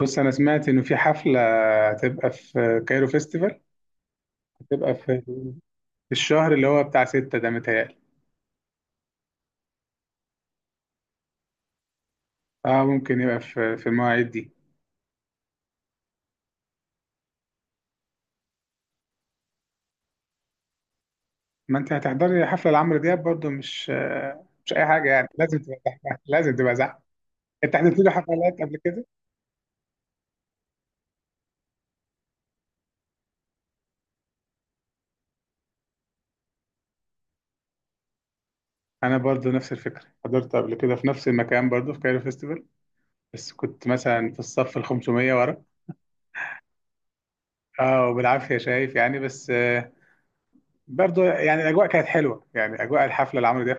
بص انا سمعت انه في حفله هتبقى في كايرو فيستيفال. هتبقى في الشهر اللي هو بتاع ستة ده متهيألي. اه ممكن يبقى في المواعيد دي. ما انت هتحضري حفله لعمرو دياب برضو مش مش اي حاجه، يعني لازم تبقى زحمه لازم تبقى زحمه. انت حضرت له حفلات قبل كده؟ انا برضو نفس الفكره، حضرت قبل كده في نفس المكان برضو في كايرو فيستيفال، بس كنت مثلا في الصف ال 500 ورا. اه وبالعافيه شايف يعني، بس آه، برضو يعني الاجواء كانت حلوه، يعني اجواء الحفله لعمرو دياب.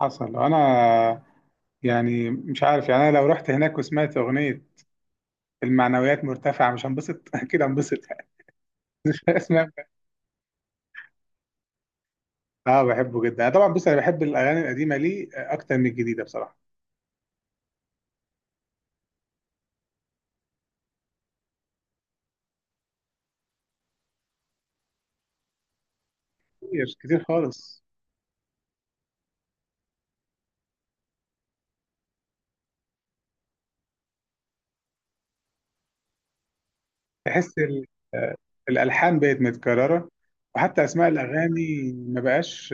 حصل. انا يعني مش عارف يعني، انا لو رحت هناك وسمعت اغنيه المعنويات مرتفعه، مش هنبسط؟ اكيد هنبسط يعني. اسمع. اه بحبه جدا أنا طبعا. بص انا بحب الاغاني القديمه ليه اكتر من الجديده بصراحه. كتير كتير خالص. تحس الالحان بقت متكرره، وحتى اسماء الاغاني ما بقاش.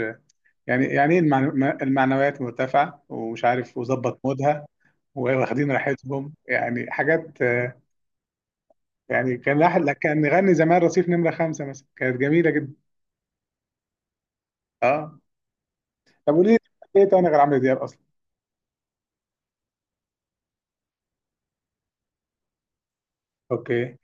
يعني يعني ايه، المعنويات مرتفعه ومش عارف وظبط مودها، واخدين راحتهم يعني حاجات. يعني كان لاحق كان نغني زمان رصيف نمره خمسه مثلا، كانت جميله جدا. اه طب قولي لي ايه تاني غير عمرو دياب اصلا؟ اوكي.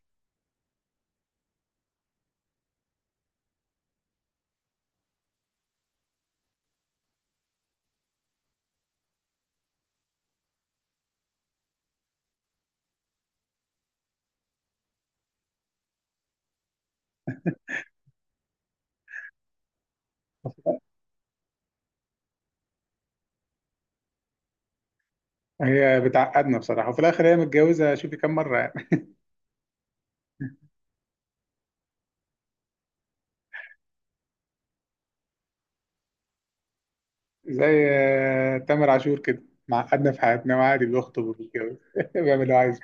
هي بتعقدنا بصراحه، وفي الاخر هي متجوزه، شوفي كم مره يعني. زي تامر عاشور كده، معقدنا في حياتنا وعادي بيخطب وبيتجوز بيعمل اللي هو عايزه.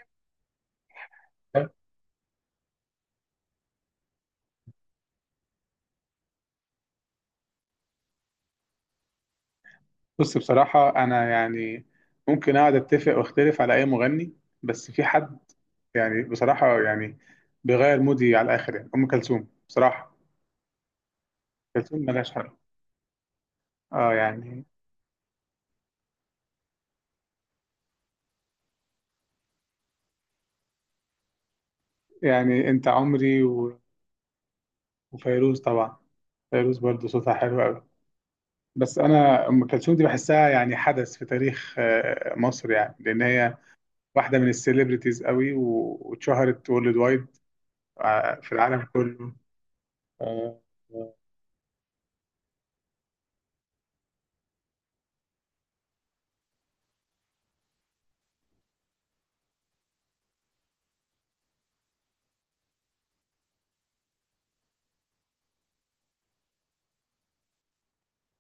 بص بصراحه انا يعني ممكن اقعد اتفق واختلف على اي مغني، بس في حد يعني بصراحه يعني بيغير مودي على الاخر، يعني ام كلثوم بصراحه. أم كلثوم ملهاش حل. اه يعني، يعني انت عمري وفيروز طبعا. فيروز برضه صوتها حلو قوي. بس انا ام كلثوم دي بحسها يعني حدث في تاريخ مصر، يعني لان هي واحده من السيلبرتيز قوي واتشهرت وورلد وايد، في العالم كله. آه، آه.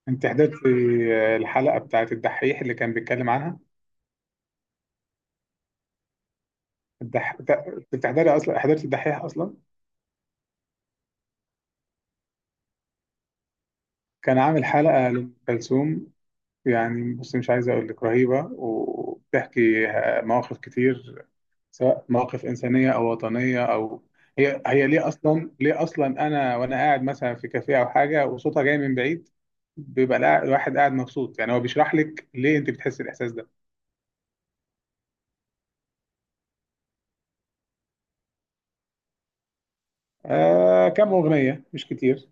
انت حضرت الحلقه بتاعت الدحيح اللي كان بيتكلم عنها؟ بتحضري اصلا، حضرت الدحيح اصلا؟ كان عامل حلقه لام كلثوم. يعني بص مش عايز اقول لك رهيبه، وبتحكي مواقف كتير، سواء مواقف إنسانية أو وطنية أو هي ليه أصلا، ليه أصلا أنا وأنا قاعد مثلا في كافيه أو حاجة وصوتها جاي من بعيد بيبقى الواحد قاعد مبسوط، يعني هو بيشرح لك ليه أنت بتحس الإحساس ده. آه كم أغنية مش كتير.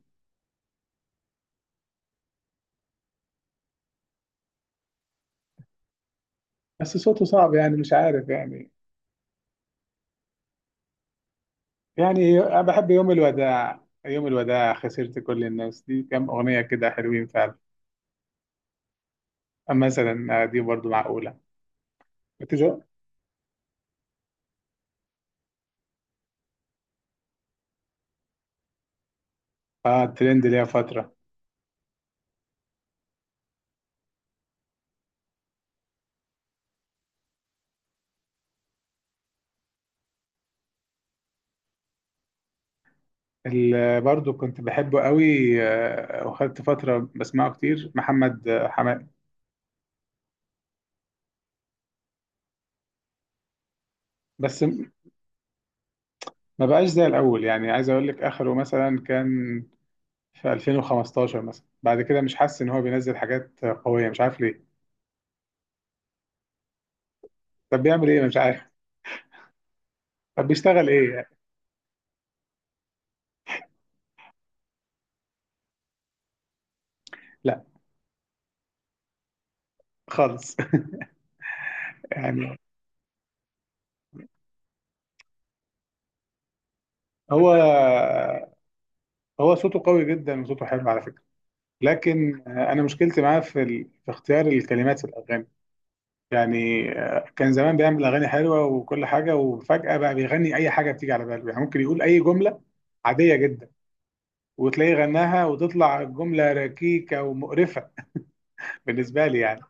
بس صوته صعب يعني مش عارف يعني. يعني أنا بحب يوم الوداع، يوم الوداع، خسرت كل الناس، دي كم أغنية كده حلوين فعلا. مثلا دي برضو معقولة. بتجو. اه الترند ليها فترة. اللي برضو كنت بحبه قوي وخدت فترة بسمعه كتير، محمد حماقي. بس م- ما بقاش زي الأول، يعني عايز أقول لك آخره مثلا كان في 2015، مثلا بعد كده مش حاسس إن هو بينزل حاجات قوية، مش عارف ليه. طب بيعمل إيه مش عارف. طب بيشتغل إيه يعني؟ لا خالص. يعني هو هو صوته قوي جدا وصوته حلو على فكرة، لكن أنا مشكلتي معاه في في اختيار الكلمات في الأغاني. يعني كان زمان بيعمل اغاني حلوه وكل حاجه، وفجاه بقى بيغني اي حاجه بتيجي على باله، يعني ممكن يقول اي جمله عاديه جدا، وتلاقيه غناها وتطلع جمله ركيكه ومقرفه بالنسبه لي يعني.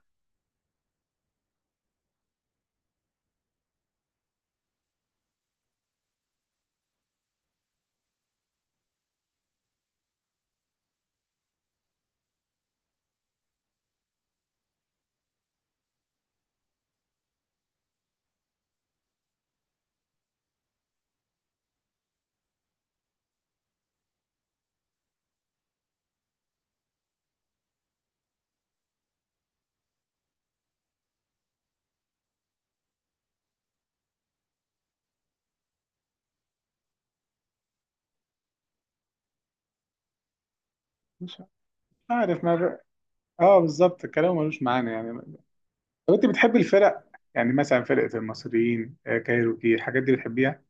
مش عارف ما ب... اه بالظبط الكلام ملوش معنى يعني. طب انت بتحب الفرق؟ يعني مثلا فرقه المصريين، كايروكي، الحاجات دي بتحبيها؟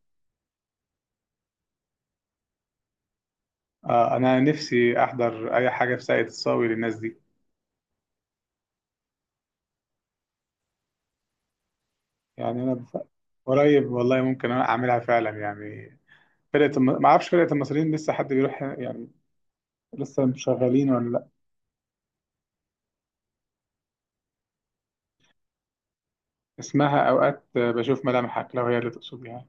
آه انا نفسي احضر اي حاجه في ساقية الصاوي للناس دي. يعني انا بف... قريب والله ممكن انا اعملها فعلا يعني. ما اعرفش فرقة المصريين لسه حد بيروح يعني؟ لسه شغالين ولا لا؟ اسمها اوقات بشوف ملامحك، لو هي اللي تقصد يعني.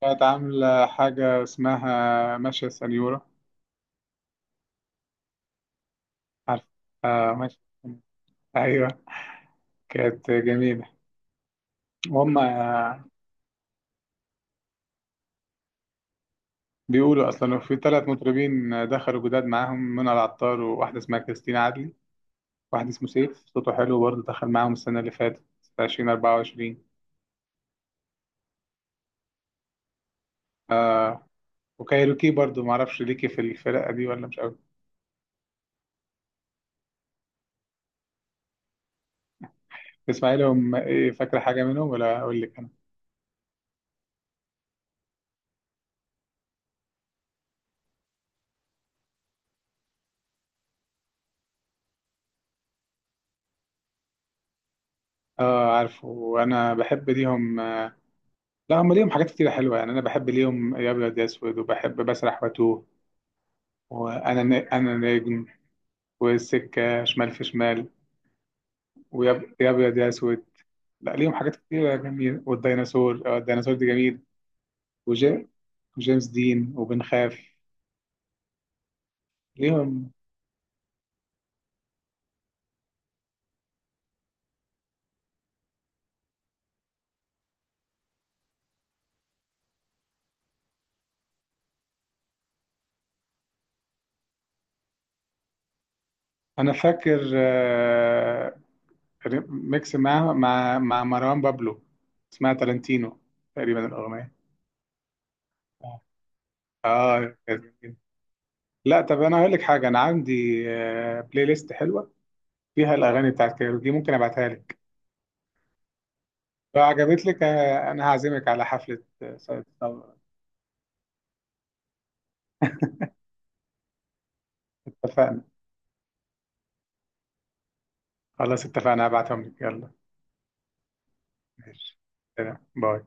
كانت عاملة حاجة اسمها ماشية سنيورة. عارف. آه ماشية سنيورة. ايوه كانت جميلة. وهم بيقولوا اصلا في ثلاث مطربين دخلوا جداد معاهم، منى العطار وواحدة اسمها كريستين عدلي، واحد اسمه سيف صوته حلو برضه دخل معاهم السنة اللي فاتت في 2024. آه وكايروكي برضه معرفش ليكي في الفرقة دي ولا مش قوي؟ تسمعي لهم ايه؟ فاكرة حاجة منهم ولا اقول لك انا؟ اه عارفه. وانا بحب ليهم لا هم ليهم حاجات كتيرة حلوة يعني، انا بحب ليهم يا ابيض يا اسود، وبحب بسرح واتوه، انا نجم، والسكة شمال في شمال، يا ابيض يا اسود. لا ليهم حاجات كتيرة جميلة، والديناصور، اه الديناصور دي جميل. وجي- وجيمس دين، وبنخاف ليهم. انا فاكر ميكس معاهم مع مروان بابلو، اسمها تالنتينو تقريبا الاغنية. اه كانت جميلة. لا طب انا هقول لك حاجه، انا عندي بلاي ليست حلوه فيها الاغاني بتاعت كايروكي، ممكن ابعتها لك. لو عجبت لك انا هعزمك على حفله سعيد صبري. اتفقنا. خلاص اتفقنا، هبعتهم لك يلا. ماشي سلام باي.